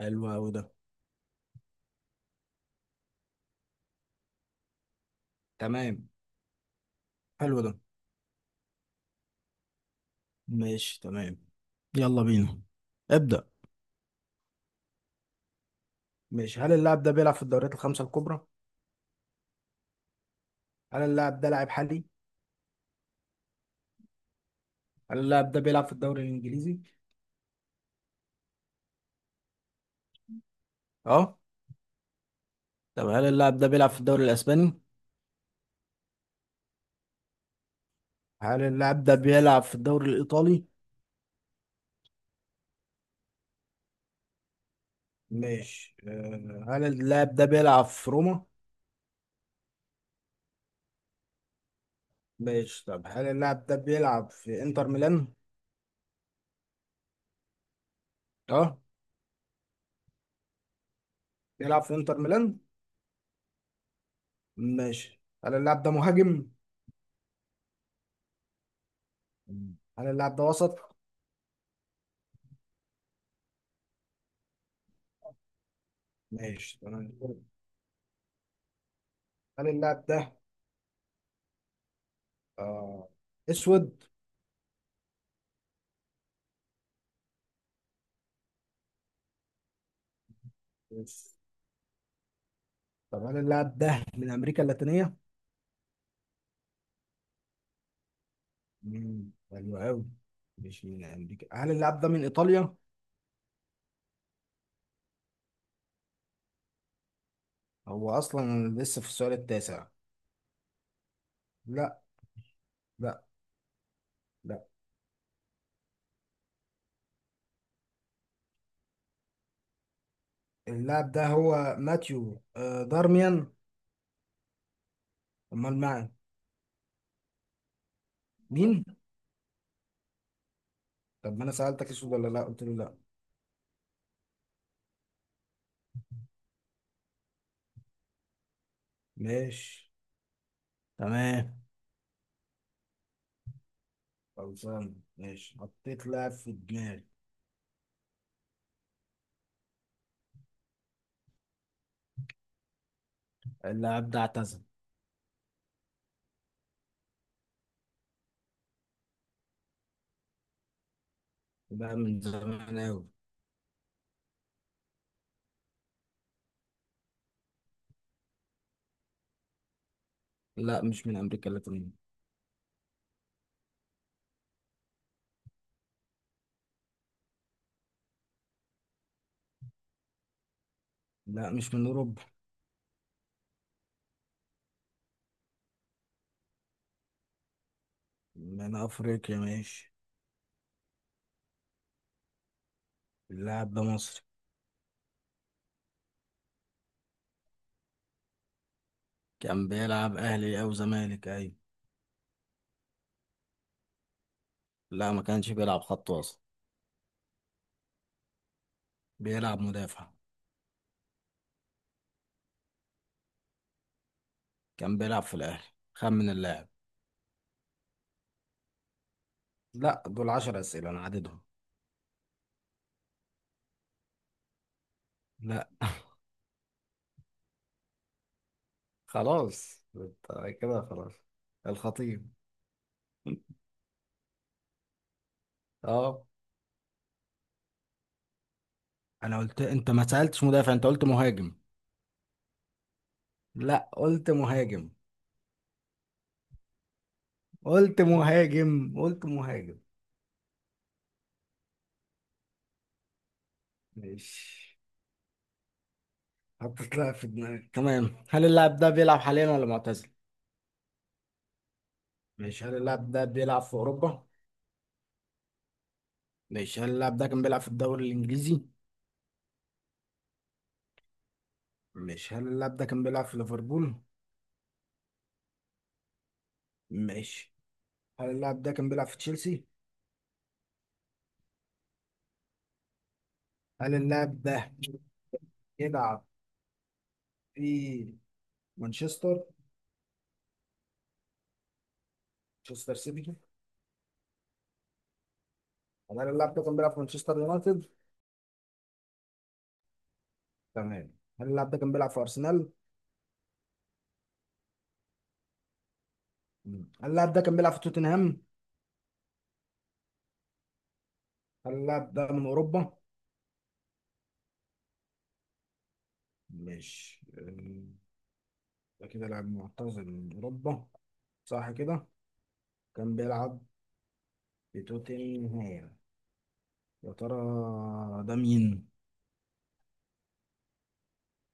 حلو أوي ده. تمام. حلو ده. ماشي تمام. يلا بينا. ابدأ. ماشي، هل اللاعب ده بيلعب في الدوريات الخمسة الكبرى؟ هل اللاعب ده لاعب حالي؟ هل اللاعب ده بيلعب في الدوري الإنجليزي؟ اه. طب هل اللاعب ده بيلعب في الدوري الإسباني؟ هل اللاعب ده بيلعب في الدوري الإيطالي؟ ماشي. هل اللاعب ده بيلعب في روما؟ ماشي، طب هل اللاعب ده بيلعب في انتر ميلان؟ اه، بيلعب في انتر ميلان؟ ماشي، هل اللاعب ده مهاجم؟ هل اللاعب ده وسط؟ ماشي تمام. هل اللاعب ده آه اسود؟ بس. طب هل اللاعب ده من امريكا اللاتينيه؟ مم، حلو قوي. مش من امريكا، هل اللاعب ده من ايطاليا؟ هو اصلا لسه في السؤال التاسع. لا. لا. لا. اللاعب ده هو ماتيو دارميان. امال معي؟ مين؟ طب ما انا سالتك اسود ولا لا، قلت لي لا. ماشي. تمام. خلصان ماشي، حطيت لاعب في دماغي. اللاعب ده اعتزل. ده من زمان قوي. لا، مش من امريكا اللاتينيه. لا، مش من اوروبا. من افريقيا، ماشي. اللاعب ده مصري. كان بيلعب اهلي او زمالك، ايوه. لا، ما كانش بيلعب خط وسط. بيلعب مدافع. كان بيلعب في الاهلي. خمن اللاعب. لا، دول عشر اسئله انا عددهم. لا. خلاص انت. كده خلاص. الخطيب. اه. انا قلت انت ما سالتش مدافع، انت قلت مهاجم. لا، قلت مهاجم. قلت مهاجم. قلت مهاجم. ماشي، حطيت لها في دماغي، تمام. هل اللاعب ده بيلعب حاليا ولا معتزل؟ مش هل اللاعب ده بيلعب في أوروبا؟ مش هل اللاعب ده كان بيلعب في الدوري الإنجليزي؟ مش هل اللاعب ده كان بيلعب في ليفربول؟ مش هل اللاعب ده كان بيلعب في تشيلسي؟ هل اللاعب ده بيلعب في مانشستر؟ مانشستر سيتي؟ هل اللاعب ده كان بيلعب في مانشستر يونايتد؟ تمام. هل اللاعب ده كان بيلعب في أرسنال؟ مم. هل اللاعب ده كان بيلعب في توتنهام؟ هل اللاعب ده من أوروبا؟ مش ده كده لاعب معتزل من أوروبا، صح كده؟ كان بيلعب في توتنهام، يا ترى ده مين؟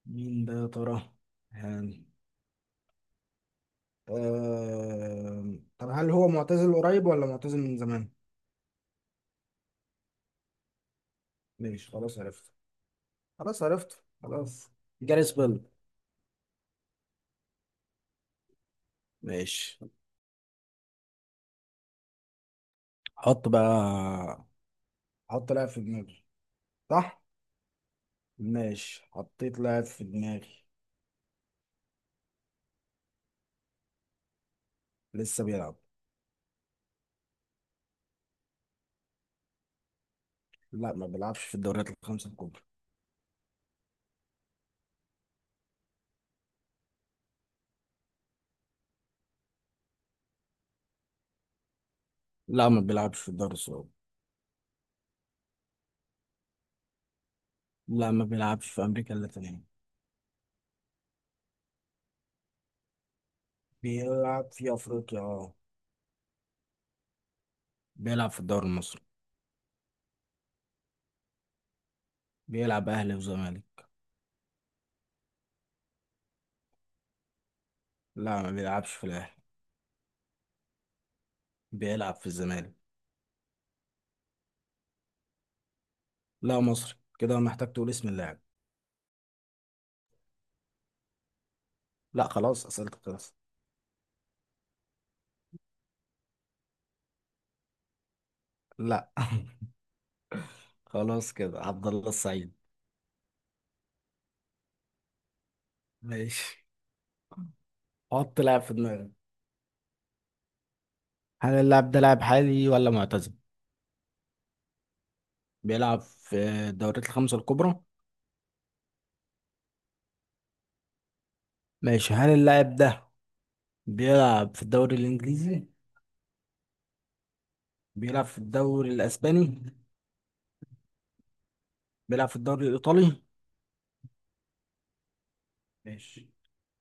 مين ده يا ترى؟ يعني طب هل هو معتزل قريب ولا معتزل من زمان؟ ماشي خلاص، عرفت. خلاص عرفت خلاص. جاريس بيل. ماشي. حط بقى. حط لاعب في دماغي، صح؟ ماشي، حطيت لاعب في دماغي. لسه بيلعب. لا، ما بيلعبش في الدوريات الخمسة الكبرى. لا، ما بيلعبش في الدوري السعودي. لا، ما بيلعبش في أمريكا اللاتينية. بيلعب في أفريقيا، اه. بيلعب في الدوري المصري. بيلعب اهلي وزمالك. لا، ما بيلعبش في الاهلي. بيلعب في الزمالك. لا مصري، كده محتاج تقول اسم اللاعب. لا خلاص، اسئلتك خلاص. لا. خلاص كده، عبد الله السعيد. ماشي. حط لاعب في دماغك. هل اللاعب ده لاعب حالي ولا معتزل؟ بيلعب في الدوريات الخمسة الكبرى. ماشي، هل اللاعب ده بيلعب في الدوري الانجليزي؟ بيلعب في الدوري الاسباني؟ بيلعب في الدوري الايطالي؟ ماشي،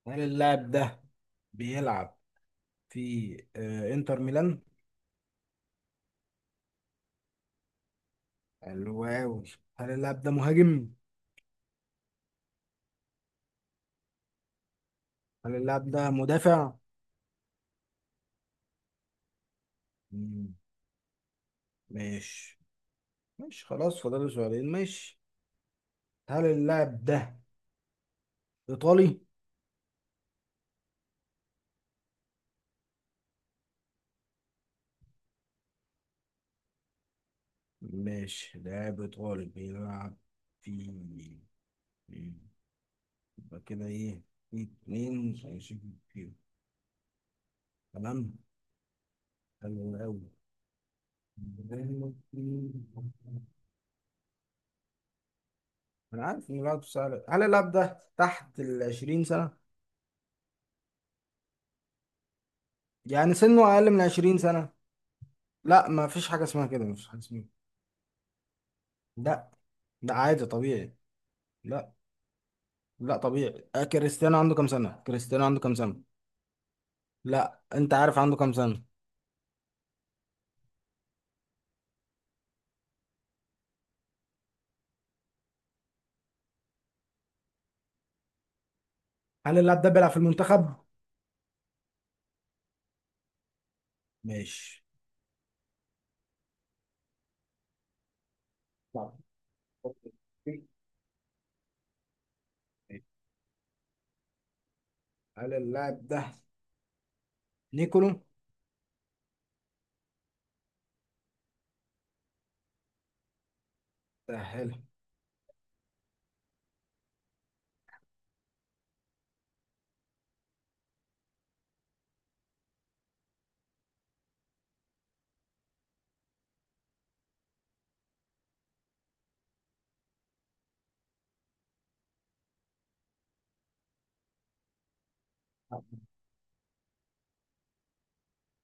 هل اللاعب ده بيلعب في انتر ميلان؟ حلو أوي. هل اللاعب ده مهاجم؟ هل اللاعب ده مدافع؟ مم. ماشي. ماشي خلاص، فاضل سؤالين، ماشي. هل اللاعب ده إيطالي؟ ماشي، لاعب إيطالي بيلعب في مم. يبقى كده إيه؟ في اتنين هيشيل فيهم، تمام؟ حلو أوي. أنا عارف إن لاعب سهل. هل اللاعب ده تحت ال 20 سنة؟ يعني سنه أقل من 20 سنة؟ لا ما فيش حاجة اسمها كده، ما فيش حاجة. لا. لا عادي طبيعي. لا. لا طبيعي. كريستيانو عنده كام سنة؟ كريستيانو عنده كام سنة؟ لا انت عارف عنده كام سنة. هل اللاعب ده بيلعب في المنتخب؟ ماشي. لا. هل اللاعب ده نيكولو؟ سهل.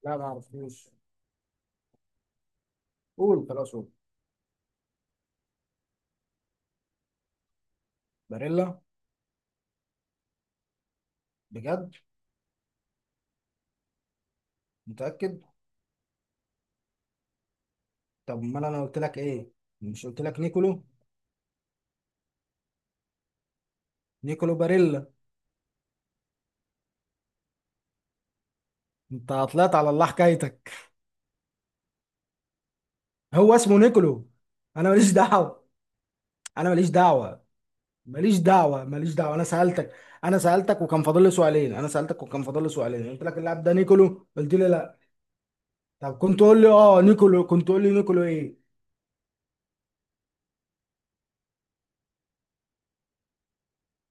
لا ما اعرفوش. قول خلاص، قول. باريلا؟ بجد؟ متأكد؟ طب ما انا قلت لك ايه؟ مش قلت لك نيكولو؟ نيكولو باريلا. انت طلعت على الله حكايتك. هو اسمه نيكولو. انا ماليش دعوة. انا ماليش دعوة. ماليش دعوه ماليش دعوه. انا سالتك، انا سالتك وكان فاضل لي سؤالين، انا سالتك وكان فاضل لي سؤالين قلت لك اللاعب ده نيكولو قلت لي لا. طب كنت تقول لي اه نيكولو، كنت تقول لي نيكولو ايه.